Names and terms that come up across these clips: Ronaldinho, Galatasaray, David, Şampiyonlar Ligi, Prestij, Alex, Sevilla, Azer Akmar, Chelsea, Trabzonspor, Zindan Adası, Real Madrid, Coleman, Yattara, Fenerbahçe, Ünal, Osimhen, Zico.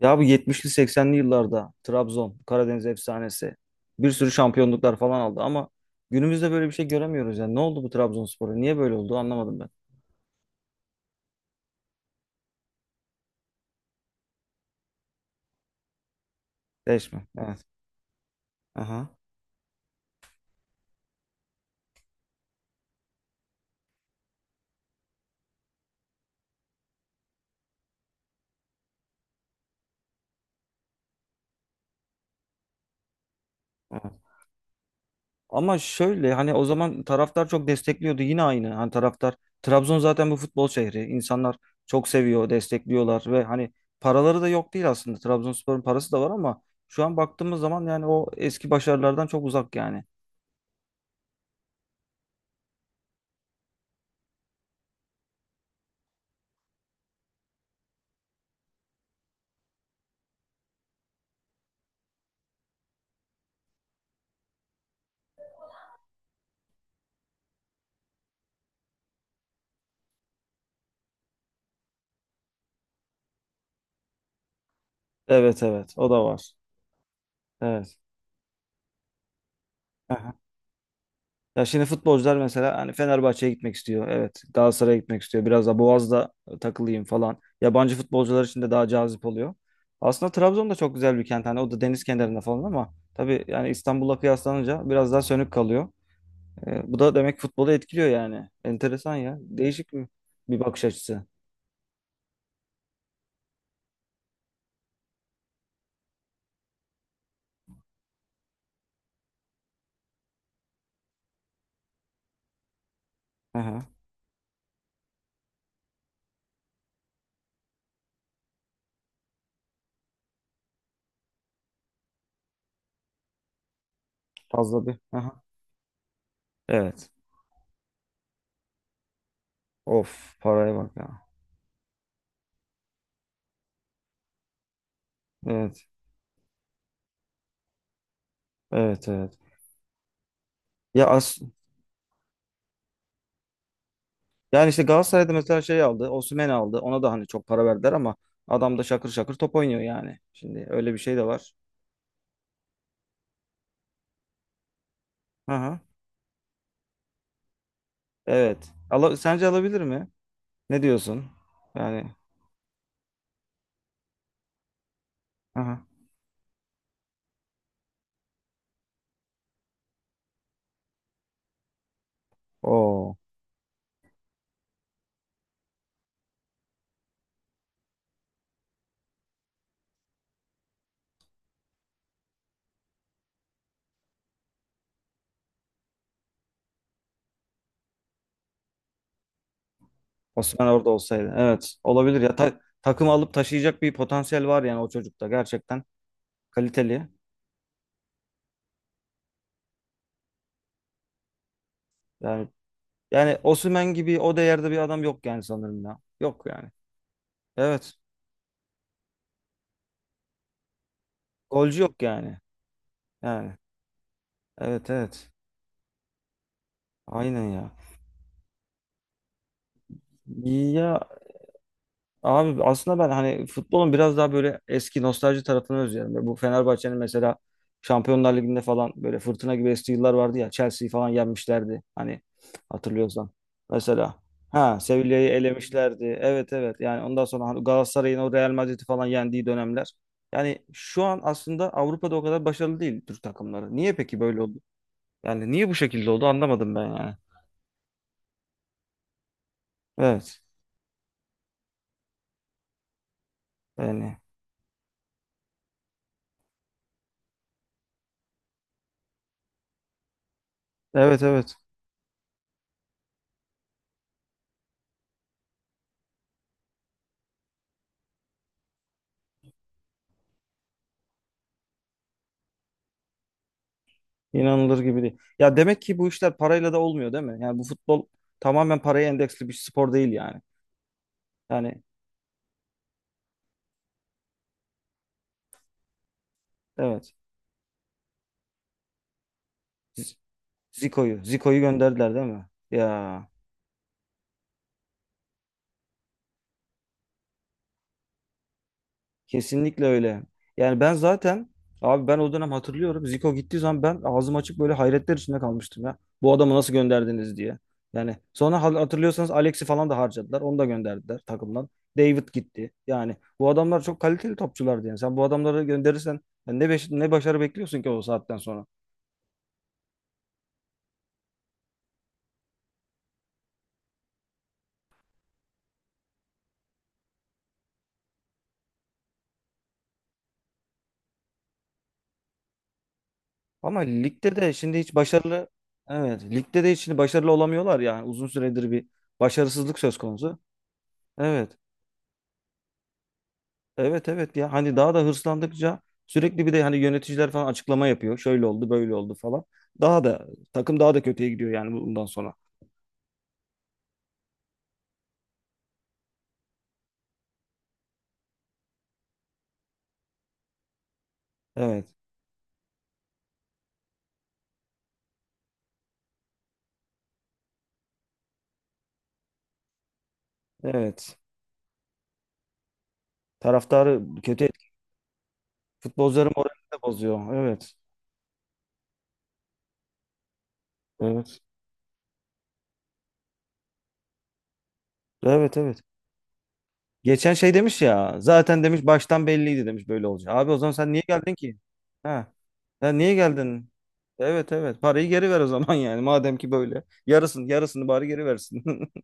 Ya bu 70'li 80'li yıllarda Trabzon, Karadeniz efsanesi bir sürü şampiyonluklar falan aldı ama günümüzde böyle bir şey göremiyoruz yani. Ne oldu bu Trabzonspor'a? Niye böyle oldu anlamadım ben. Değişme. Evet. Aha. Evet. Ama şöyle, hani o zaman taraftar çok destekliyordu yine aynı. Hani taraftar, Trabzon zaten bu futbol şehri. İnsanlar çok seviyor, destekliyorlar ve hani paraları da yok değil aslında. Trabzonspor'un parası da var ama şu an baktığımız zaman yani o eski başarılardan çok uzak yani. Evet, evet, o da var. Evet. Ya şimdi futbolcular mesela hani Fenerbahçe'ye gitmek istiyor. Evet. Galatasaray'a gitmek istiyor. Biraz da Boğaz'da takılayım falan. Yabancı futbolcular için de daha cazip oluyor. Aslında Trabzon da çok güzel bir kent. Hani o da deniz kenarında falan ama tabii yani İstanbul'la kıyaslanınca biraz daha sönük kalıyor. Bu da demek futbolu etkiliyor yani. Enteresan ya. Değişik bir bakış açısı. Aha, fazla bir. Aha. Evet. Of, paraya bak ya. Evet. Evet, evet. Ya, yani işte Galatasaray'da mesela şey aldı. Osimhen aldı. Ona da hani çok para verdiler ama adam da şakır şakır top oynuyor yani. Şimdi öyle bir şey de var. Aha. Evet. Sence alabilir mi? Ne diyorsun? Yani, aha. Oo. Osimhen orada olsaydı. Evet. Olabilir ya. Takım alıp taşıyacak bir potansiyel var yani o çocukta. Gerçekten kaliteli. Yani yani Osimhen gibi o değerde bir adam yok yani, sanırım ya. Yok yani. Evet. Golcü yok yani. Yani. Evet, evet. Aynen ya. Ya, abi, aslında ben hani futbolun biraz daha böyle eski nostalji tarafını özlüyorum. Böyle. Bu Fenerbahçe'nin mesela Şampiyonlar Ligi'nde falan böyle fırtına gibi estiği yıllar vardı ya. Chelsea'yi falan yenmişlerdi, hani, hatırlıyorsan. Mesela, ha, Sevilla'yı elemişlerdi. Evet, evet. Yani ondan sonra hani Galatasaray'ın o Real Madrid'i falan yendiği dönemler. Yani şu an aslında Avrupa'da o kadar başarılı değil Türk takımları. Niye peki böyle oldu? Yani niye bu şekilde oldu anlamadım ben yani. Evet. Yani, evet, evet. İnanılır gibi değil. Ya, demek ki bu işler parayla da olmuyor değil mi? Yani bu futbol tamamen paraya endeksli bir spor değil yani. Yani, evet. Z- Zico'yu gönderdiler değil mi? Ya, kesinlikle öyle. Yani ben zaten, abi, ben o dönem hatırlıyorum. Zico gittiği zaman ben ağzım açık böyle hayretler içinde kalmıştım ya. Bu adamı nasıl gönderdiniz diye. Yani sonra hatırlıyorsanız Alex'i falan da harcadılar. Onu da gönderdiler takımdan. David gitti. Yani bu adamlar çok kaliteli topçulardı yani. Sen bu adamları gönderirsen yani ne, ne başarı bekliyorsun ki o saatten sonra? Ama ligde de şimdi hiç başarılı, evet, ligde de hiç şimdi başarılı olamıyorlar yani. Uzun süredir bir başarısızlık söz konusu. Evet. Evet, evet, ya, hani daha da hırslandıkça sürekli bir de hani yöneticiler falan açıklama yapıyor. Şöyle oldu, böyle oldu falan. Daha da takım daha da kötüye gidiyor yani bundan sonra. Evet. Evet. Taraftarı kötü etki. Futbolcuların moralini de bozuyor. Evet. Evet. Evet, evet. Geçen şey demiş ya. Zaten demiş baştan belliydi demiş böyle olacak. Abi, o zaman sen niye geldin ki? Ha. Sen niye geldin? Evet, evet. Parayı geri ver o zaman yani. Madem ki böyle. Yarısını bari geri versin.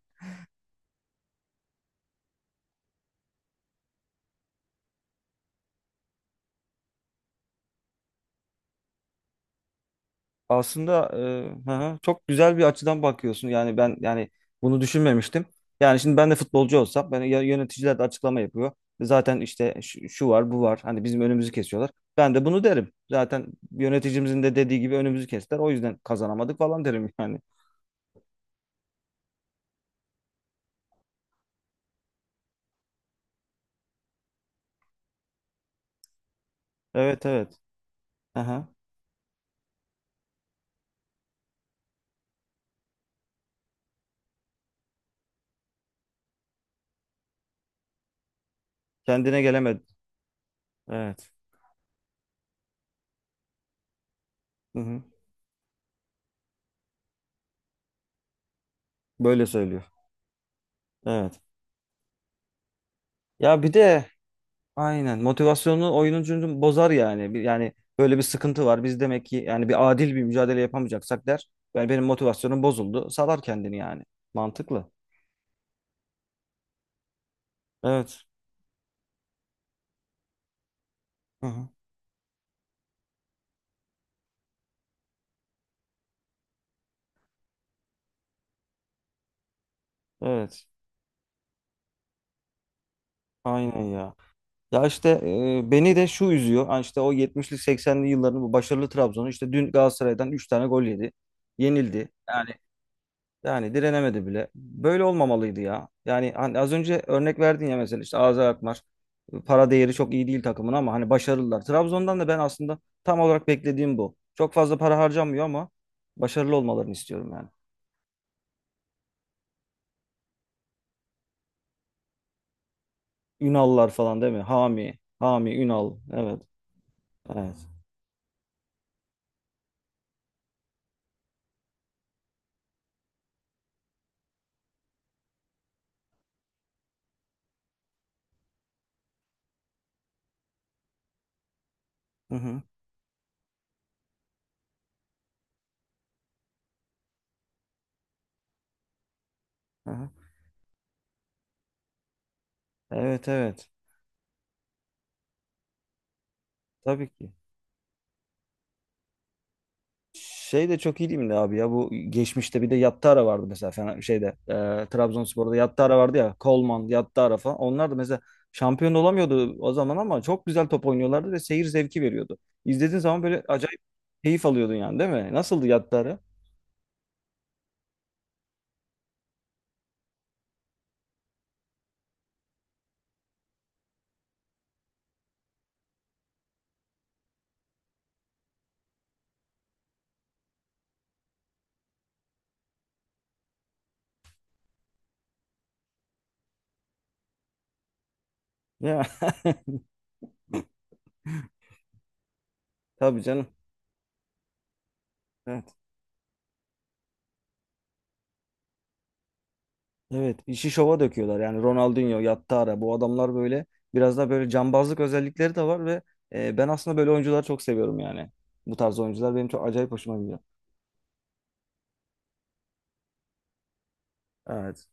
Aslında, hı hı, çok güzel bir açıdan bakıyorsun. Yani ben, yani, bunu düşünmemiştim. Yani şimdi ben de futbolcu olsam, ben, yöneticiler de açıklama yapıyor. Zaten işte şu var, bu var. Hani bizim önümüzü kesiyorlar. Ben de bunu derim. Zaten yöneticimizin de dediği gibi önümüzü kestiler. O yüzden kazanamadık falan derim yani. Evet, evet. Aha. Kendine gelemedi. Evet. Hı hı. Böyle söylüyor. Evet. Ya, bir de, aynen. Motivasyonunu oyuncunun bozar yani. Yani böyle bir sıkıntı var. Biz demek ki yani, bir adil bir mücadele yapamayacaksak der. Yani benim motivasyonum bozuldu. Salar kendini yani. Mantıklı. Evet. Hı hı. Evet. Aynen ya. Ya işte, beni de şu üzüyor. Hani işte o 70'li 80'li yılların bu başarılı Trabzon'u işte dün Galatasaray'dan 3 tane gol yedi. Yenildi. Yani direnemedi bile. Böyle olmamalıydı ya. Yani hani az önce örnek verdin ya, mesela işte Azer Akmar. Para değeri çok iyi değil takımın ama hani başarılılar. Trabzon'dan da ben aslında tam olarak beklediğim bu. Çok fazla para harcanmıyor ama başarılı olmalarını istiyorum yani. Ünallar falan değil mi? Hami, Hami, Ünal. Evet, evet. Hı hı, hı hı. Evet, evet. Tabii ki. Şey de çok ilimli abi ya, bu geçmişte bir de Yattara vardı mesela, şeyde, Trabzonspor'da Yattara vardı ya, Coleman, Yattara falan, onlar da mesela şampiyon olamıyordu o zaman ama çok güzel top oynuyorlardı ve seyir zevki veriyordu. İzlediğin zaman böyle acayip keyif alıyordun yani, değil mi? Nasıldı Yattara? Ya, tabii canım. Evet. Evet, işi şova döküyorlar yani. Ronaldinho, Yattara, bu adamlar böyle biraz da böyle cambazlık özellikleri de var ve ben aslında böyle oyuncuları çok seviyorum yani. Bu tarz oyuncular benim çok acayip hoşuma gidiyor. Evet.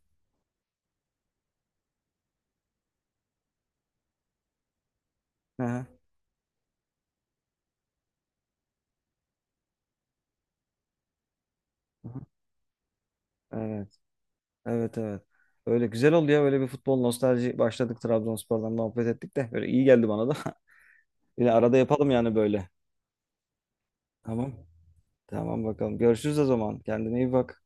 Aha. Evet. Evet, evet. Öyle güzel oldu ya, böyle bir futbol nostalji başladık, Trabzonspor'dan muhabbet ettik de böyle iyi geldi bana da. Yine arada yapalım yani böyle. Tamam. Tamam bakalım. Görüşürüz o zaman. Kendine iyi bak.